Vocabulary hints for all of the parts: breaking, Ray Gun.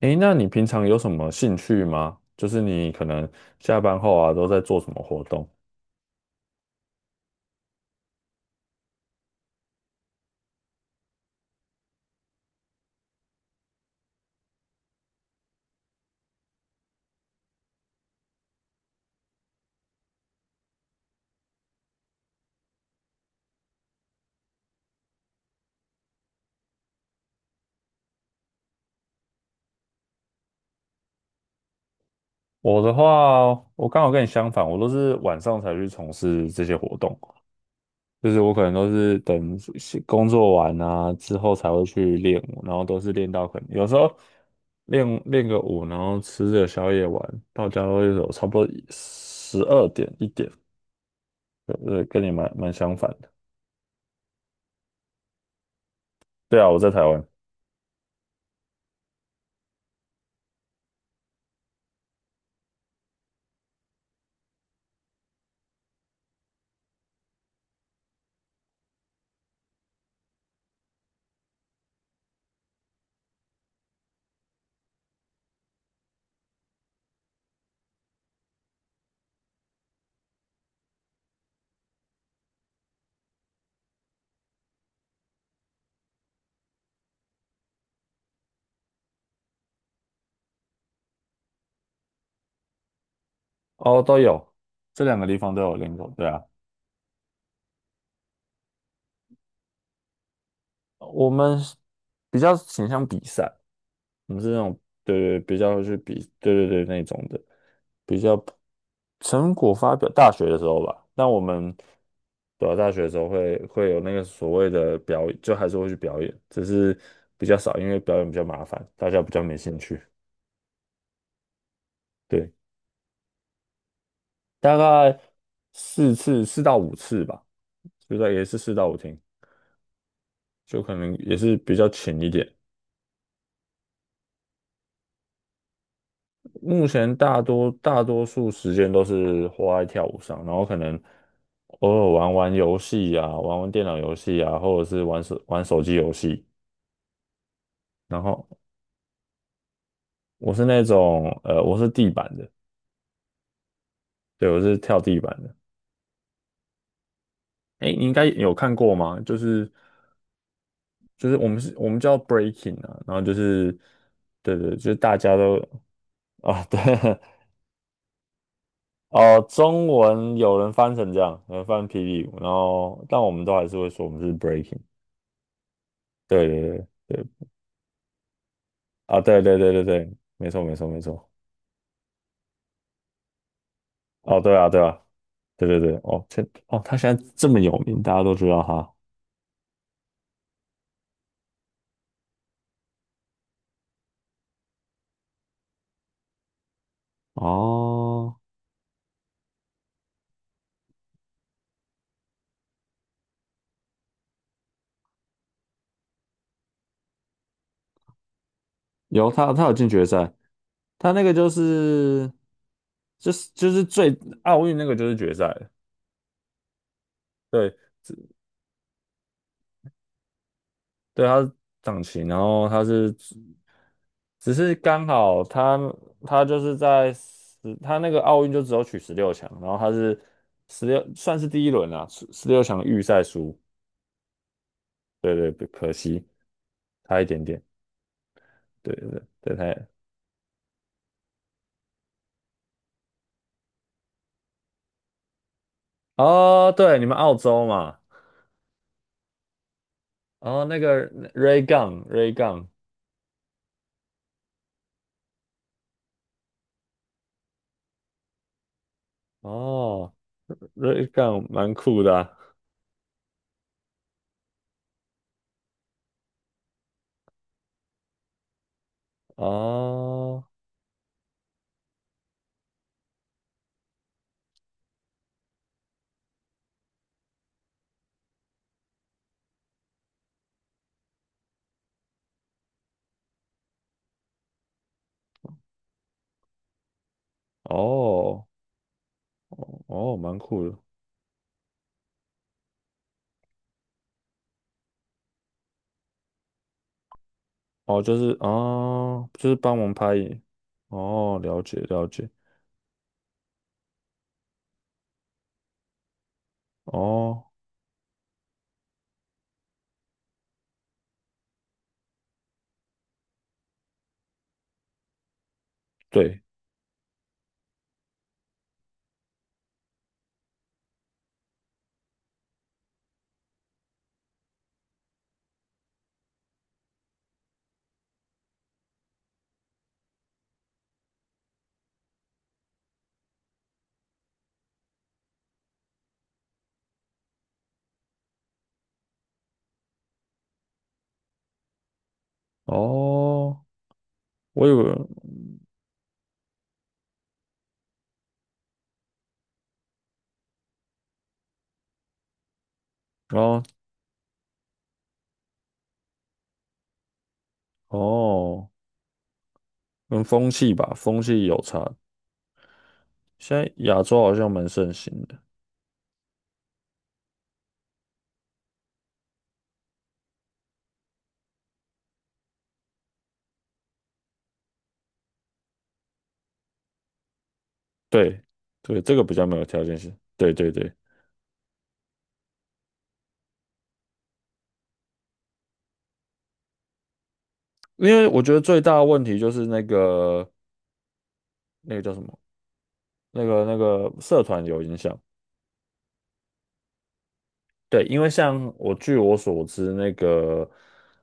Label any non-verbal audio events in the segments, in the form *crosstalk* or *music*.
诶，那你平常有什么兴趣吗？就是你可能下班后啊，都在做什么活动？我的话哦，我刚好跟你相反，我都是晚上才去从事这些活动，就是我可能都是等工作完啊之后才会去练舞，然后都是练到可能有时候练练个舞，然后吃个宵夜玩，到家都有差不多十二点一点，跟你蛮相反的。对啊，我在台湾。哦，都有，这两个地方都有练过，对啊。我们是比较倾向比赛，我们是那种对对比较去比对对对那种的，比较成果发表大学的时候吧。但我们对啊，大学的时候会有那个所谓的表演，就还是会去表演，只是比较少，因为表演比较麻烦，大家比较没兴趣。对，大概四次四到五次吧，就在也是四到五天，就可能也是比较浅一点。目前大多数时间都是花在跳舞上，然后可能偶尔玩玩游戏啊，玩玩电脑游戏啊，或者是玩手机游戏。然后我是那种我是地板的，对，我是跳地板的。哎，你应该有看过吗？就是就是我们是我们叫 breaking 啊，然后就是对对，就是大家都啊对。 *laughs* 哦，中文有人翻成这样，有人翻霹雳舞，然后但我们都还是会说我们是 breaking。对对对，啊，对对对对对，没错没错没错。哦，对啊对啊，对对对，哦，这。哦，他现在这么有名，大家都知道他。哦，有。他有进决赛，他那个就是最奥运那个就是决赛了。对对，他是掌旗，然后只是刚好他就是他那个奥运就只有取十六强，然后他是十六算是第一轮啊，十六强预赛输，对对，可惜。差一点点，对对对，哦，对，你们澳洲嘛，哦，那个 Ray Gun Ray Gun。哦，Ray Gun 蛮酷的啊。哦哦哦，蛮酷的，哦，就是哦，就是帮忙拍影。哦，了解了解，哦，对，哦，我以为，哦哦，跟风气吧，风气有差，现在亚洲好像蛮盛行的。对对，这个比较没有条件性。对对对，因为我觉得最大的问题就是那个那个叫什么，那个社团有影响，对，因为像我据我所知，那个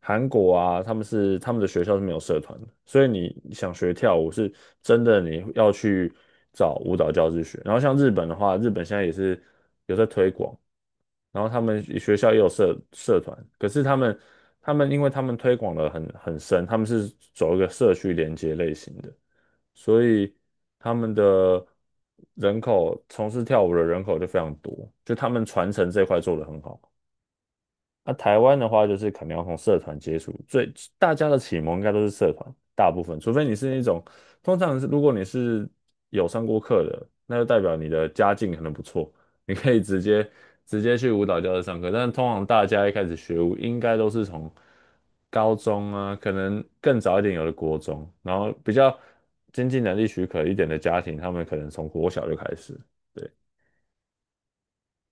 韩国啊，他们的学校是没有社团的，所以你想学跳舞是真的你要去找舞蹈教室学。然后像日本的话，日本现在也是有在推广，然后他们学校也有社团，可是他们因为他们推广的很深，他们是走一个社区连接类型的。所以他们的人口从事跳舞的人口就非常多，就他们传承这块做的很好。那、台湾的话，就是可能要从社团接触，最大家的启蒙应该都是社团，大部分，除非你是那种，通常是如果你是有上过课的，那就代表你的家境可能不错，你可以直接直接去舞蹈教室上课。但是通常大家一开始学舞，应该都是从高中啊，可能更早一点有的国中，然后比较经济能力许可一点的家庭，他们可能从国小就开始。对，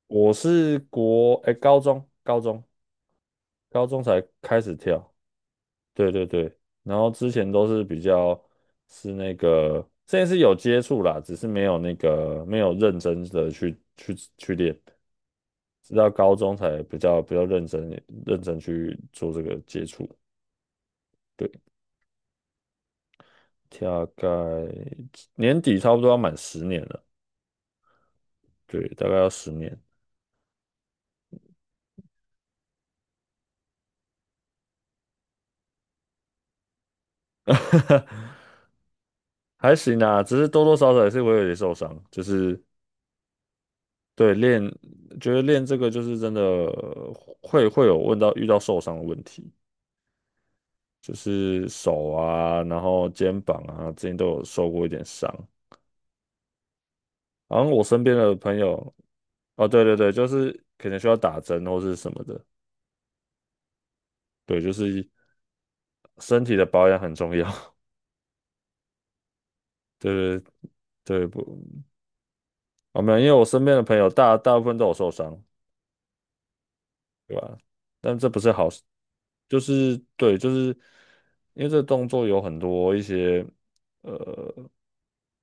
我是国，哎，高中才开始跳。对对对，然后之前都是比较是那个，之前是有接触啦，只是没有那个没有认真的去练，直到高中才比较认真去做这个接触。对，大概年底差不多要满十年了，对，大概要十年，还行啦，只是多多少少也是会有点受伤，就是对练，觉得练这个就是真的会有遇到受伤的问题。就是手啊，然后肩膀啊，之前都有受过一点伤。然后我身边的朋友，哦，对对对，就是可能需要打针或是什么的，对，就是身体的保养很重要。*laughs* 对对对，不，啊没有，因为我身边的朋友大部分都有受伤，对吧？但这不是好事，就是对，就是因为这个动作有很多一些呃，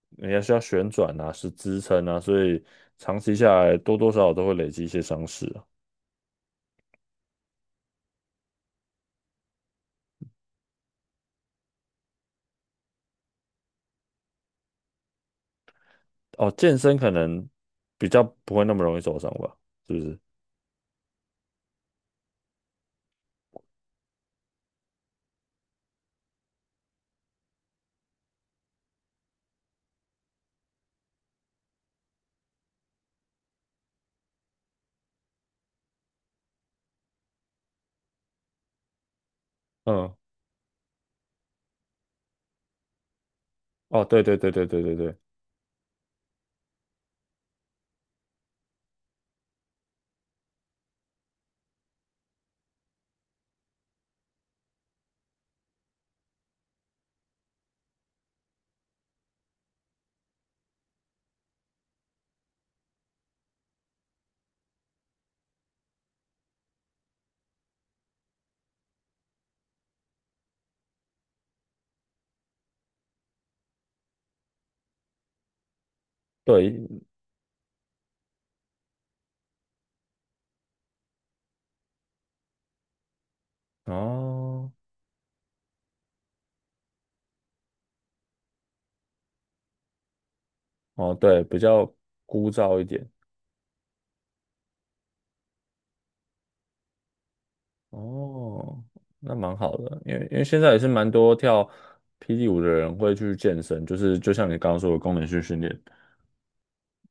你还需要旋转呐，是支撑呐，所以长期下来多多少少都会累积一些伤势啊。哦，健身可能比较不会那么容易受伤吧，是不是？嗯，哦，对对对对对对对对，哦哦，对，比较枯燥一点。哦，那蛮好的，因为现在也是蛮多跳霹雳舞的人会去健身，就是就像你刚刚说的功能性训练。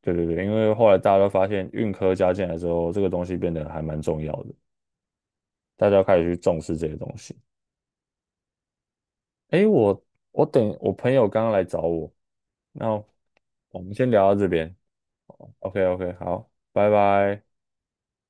对对对，因为后来大家都发现运科加进来之后，这个东西变得还蛮重要的，大家开始去重视这些东西。诶，我等我朋友刚刚来找我，那我们先聊到这边。OK OK，好，拜拜。